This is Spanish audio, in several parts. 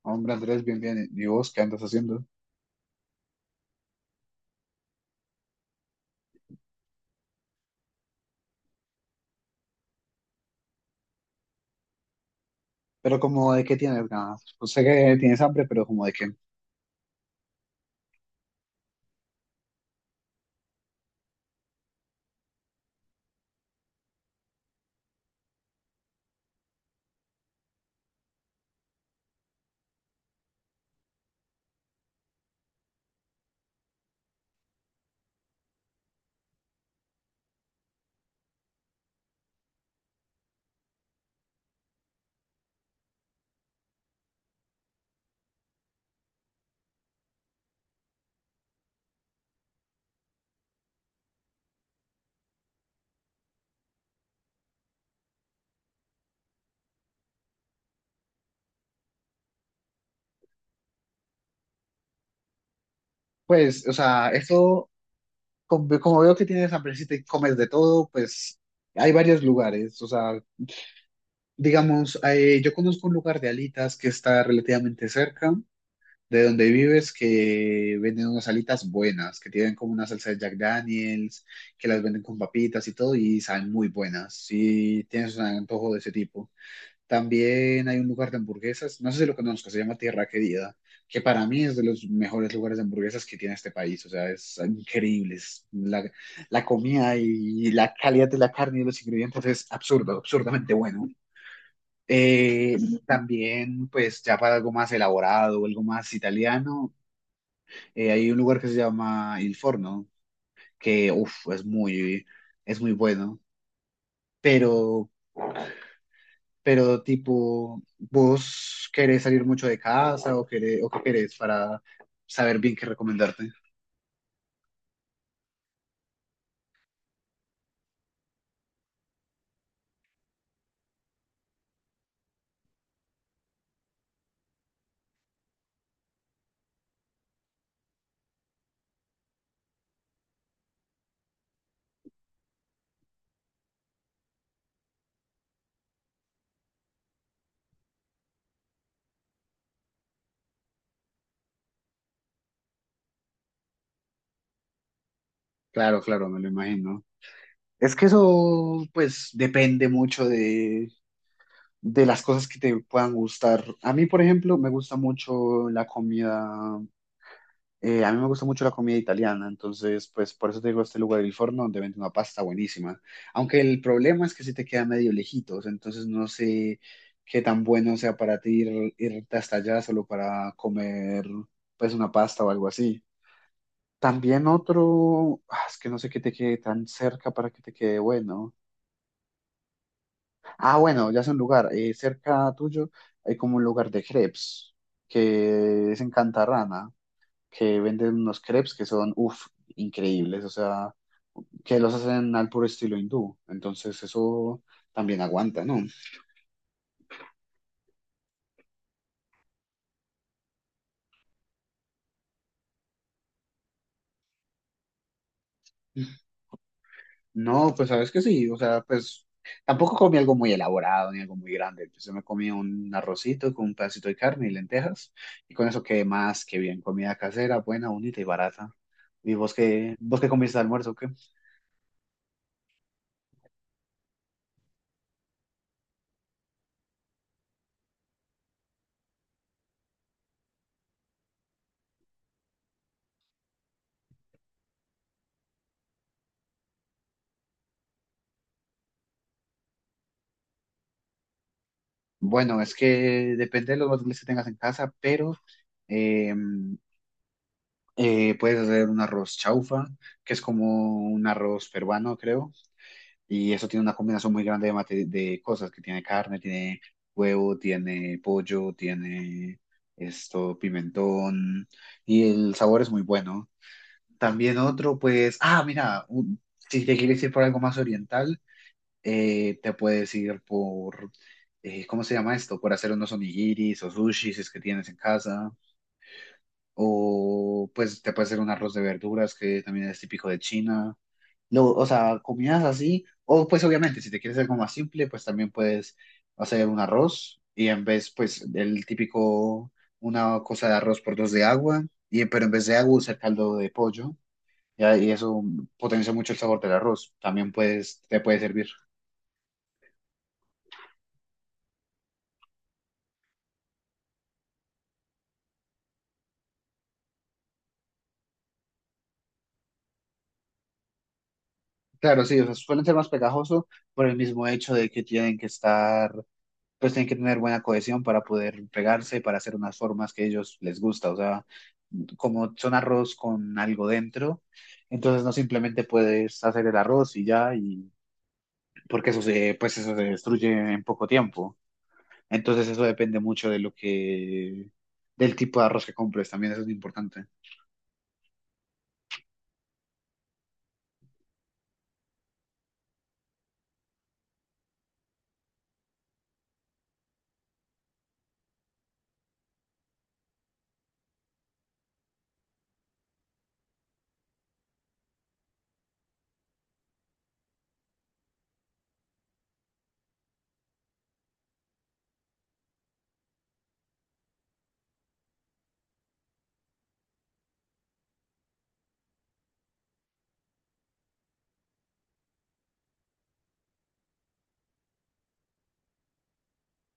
Hombre, Andrés, bien, bien. ¿Y vos qué andas haciendo? Pero como de qué tienes ganas. Pues sé que tienes hambre, pero como de qué. Pues, o sea, eso, como, como veo que tienes hambre, si te comes de todo, pues hay varios lugares. O sea, digamos, yo conozco un lugar de alitas que está relativamente cerca de donde vives, que venden unas alitas buenas, que tienen como una salsa de Jack Daniels, que las venden con papitas y todo, y saben muy buenas. Si tienes un antojo de ese tipo. También hay un lugar de hamburguesas, no sé si lo conozco, se llama Tierra Querida, que para mí es de los mejores lugares de hamburguesas que tiene este país. O sea, es increíble. Es la, la comida y la calidad de la carne y los ingredientes es absurdo, absurdamente bueno. Eh, También, pues ya para algo más elaborado, algo más italiano, hay un lugar que se llama Il Forno, que uf, es muy bueno. Pero, pero tipo, ¿vos querés salir mucho de casa o querés, o qué querés para saber bien qué recomendarte? Claro, claro, me lo imagino. Es que eso, pues, depende mucho de las cosas que te puedan gustar. A mí, por ejemplo, me gusta mucho la comida. A mí me gusta mucho la comida italiana, entonces, pues por eso te digo este lugar del Forno donde venden una pasta buenísima. Aunque el problema es que sí te queda medio lejitos, entonces no sé qué tan bueno sea para ti ir, irte hasta allá solo para comer, pues, una pasta o algo así. También otro, ah, es que no sé qué te quede tan cerca para que te quede bueno. Ah, bueno, ya sé un lugar, cerca tuyo hay como un lugar de crepes que es en Cantarrana, que venden unos crepes que son, uff, increíbles, o sea, que los hacen al puro estilo hindú, entonces eso también aguanta, ¿no? No, pues sabes que sí, o sea, pues tampoco comí algo muy elaborado ni algo muy grande, pues yo sí me comí un arrocito con un pedacito de carne y lentejas, y con eso quedé más que bien, comida casera, buena, bonita y barata. ¿Y vos qué comiste de almuerzo, o qué? Bueno, es que depende de los materiales que tengas en casa, pero... em, puedes hacer un arroz chaufa, que es como un arroz peruano, creo, y eso tiene una combinación muy grande de, de cosas, que tiene carne, tiene huevo, tiene pollo, tiene esto, pimentón, y el sabor es muy bueno. También otro, pues, ah, mira, si te quieres ir por algo más oriental, te puedes ir por, ¿cómo se llama esto? Por hacer unos onigiris o sushis, si es que tienes en casa. O pues te puede hacer un arroz de verduras que también es típico de China. Lo, o sea, comidas así. O pues obviamente, si te quieres algo más simple, pues también puedes hacer un arroz y en vez, pues el típico, una cosa de arroz por dos de agua, y, pero en vez de agua usar caldo de pollo. Y eso potencia mucho el sabor del arroz. También puedes, te puede servir. Claro, sí, o sea, suelen ser más pegajosos por el mismo hecho de que tienen que estar, pues tienen que tener buena cohesión para poder pegarse, para hacer unas formas que a ellos les gusta. O sea, como son arroz con algo dentro, entonces no simplemente puedes hacer el arroz y ya, y porque eso se, pues eso se destruye en poco tiempo. Entonces eso depende mucho de lo que, del tipo de arroz que compres, también eso es importante.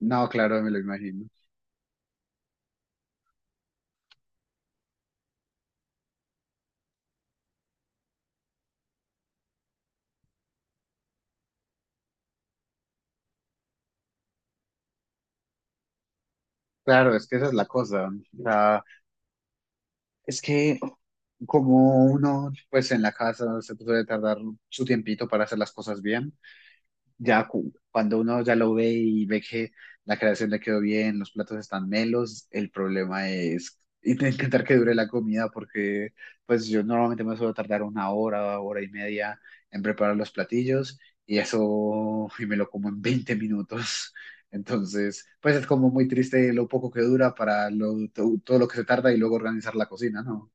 No, claro, me lo imagino. Claro, es que esa es la cosa. O sea, es que como uno, pues en la casa se puede tardar su tiempito para hacer las cosas bien, ya cuando uno ya lo ve y ve que la creación le quedó bien, los platos están melos, el problema es intentar que dure la comida porque pues yo normalmente me suelo tardar 1 hora, 1 hora y media en preparar los platillos y eso y me lo como en 20 minutos. Entonces, pues es como muy triste lo poco que dura para lo, todo lo que se tarda y luego organizar la cocina, ¿no?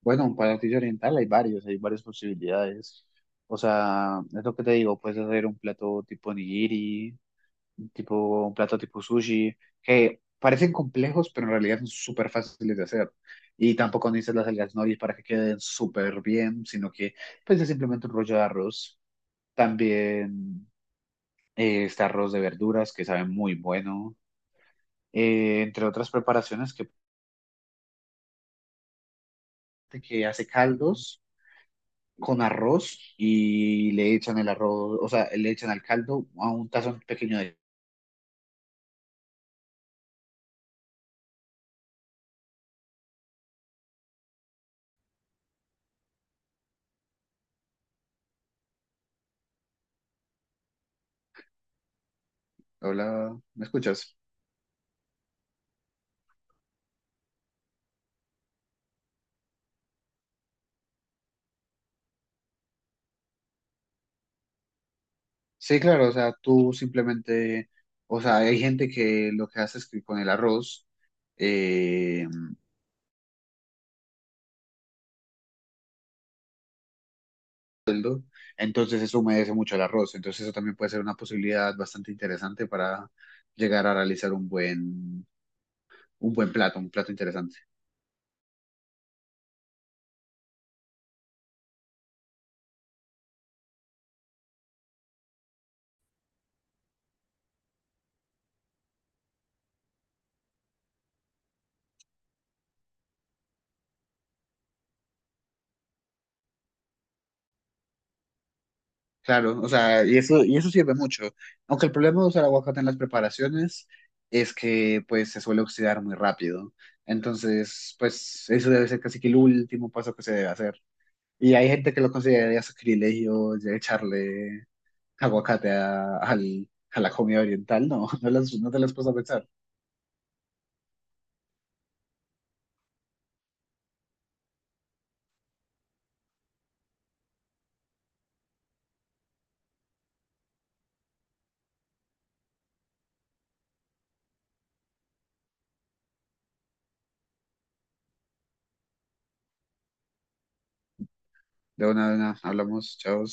Bueno, un platillo oriental hay varios, hay varias posibilidades. O sea, es lo que te digo, puedes hacer un plato tipo nigiri, tipo, un plato tipo sushi, que parecen complejos, pero en realidad son súper fáciles de hacer. Y tampoco necesitas las algas nori para que queden súper bien, sino que pues es simplemente un rollo de arroz. También está arroz de verduras, que sabe muy bueno. Entre otras preparaciones que hace caldos con arroz y le echan el arroz, o sea, le echan al caldo a un tazón pequeño de... Hola, ¿me escuchas? Sí, claro, o sea, tú simplemente, o sea, hay gente que lo que hace es que con el arroz, eh, entonces eso humedece mucho el arroz, entonces eso también puede ser una posibilidad bastante interesante para llegar a realizar un buen plato, un plato interesante. Claro, o sea, y eso sirve mucho. Aunque el problema de usar aguacate en las preparaciones es que pues se suele oxidar muy rápido. Entonces, pues eso debe ser casi que el último paso que se debe hacer. Y hay gente que lo consideraría sacrilegio de echarle aguacate a, a la comida oriental. No, no, las, no te las puedes pensar. De una, hablamos, chao.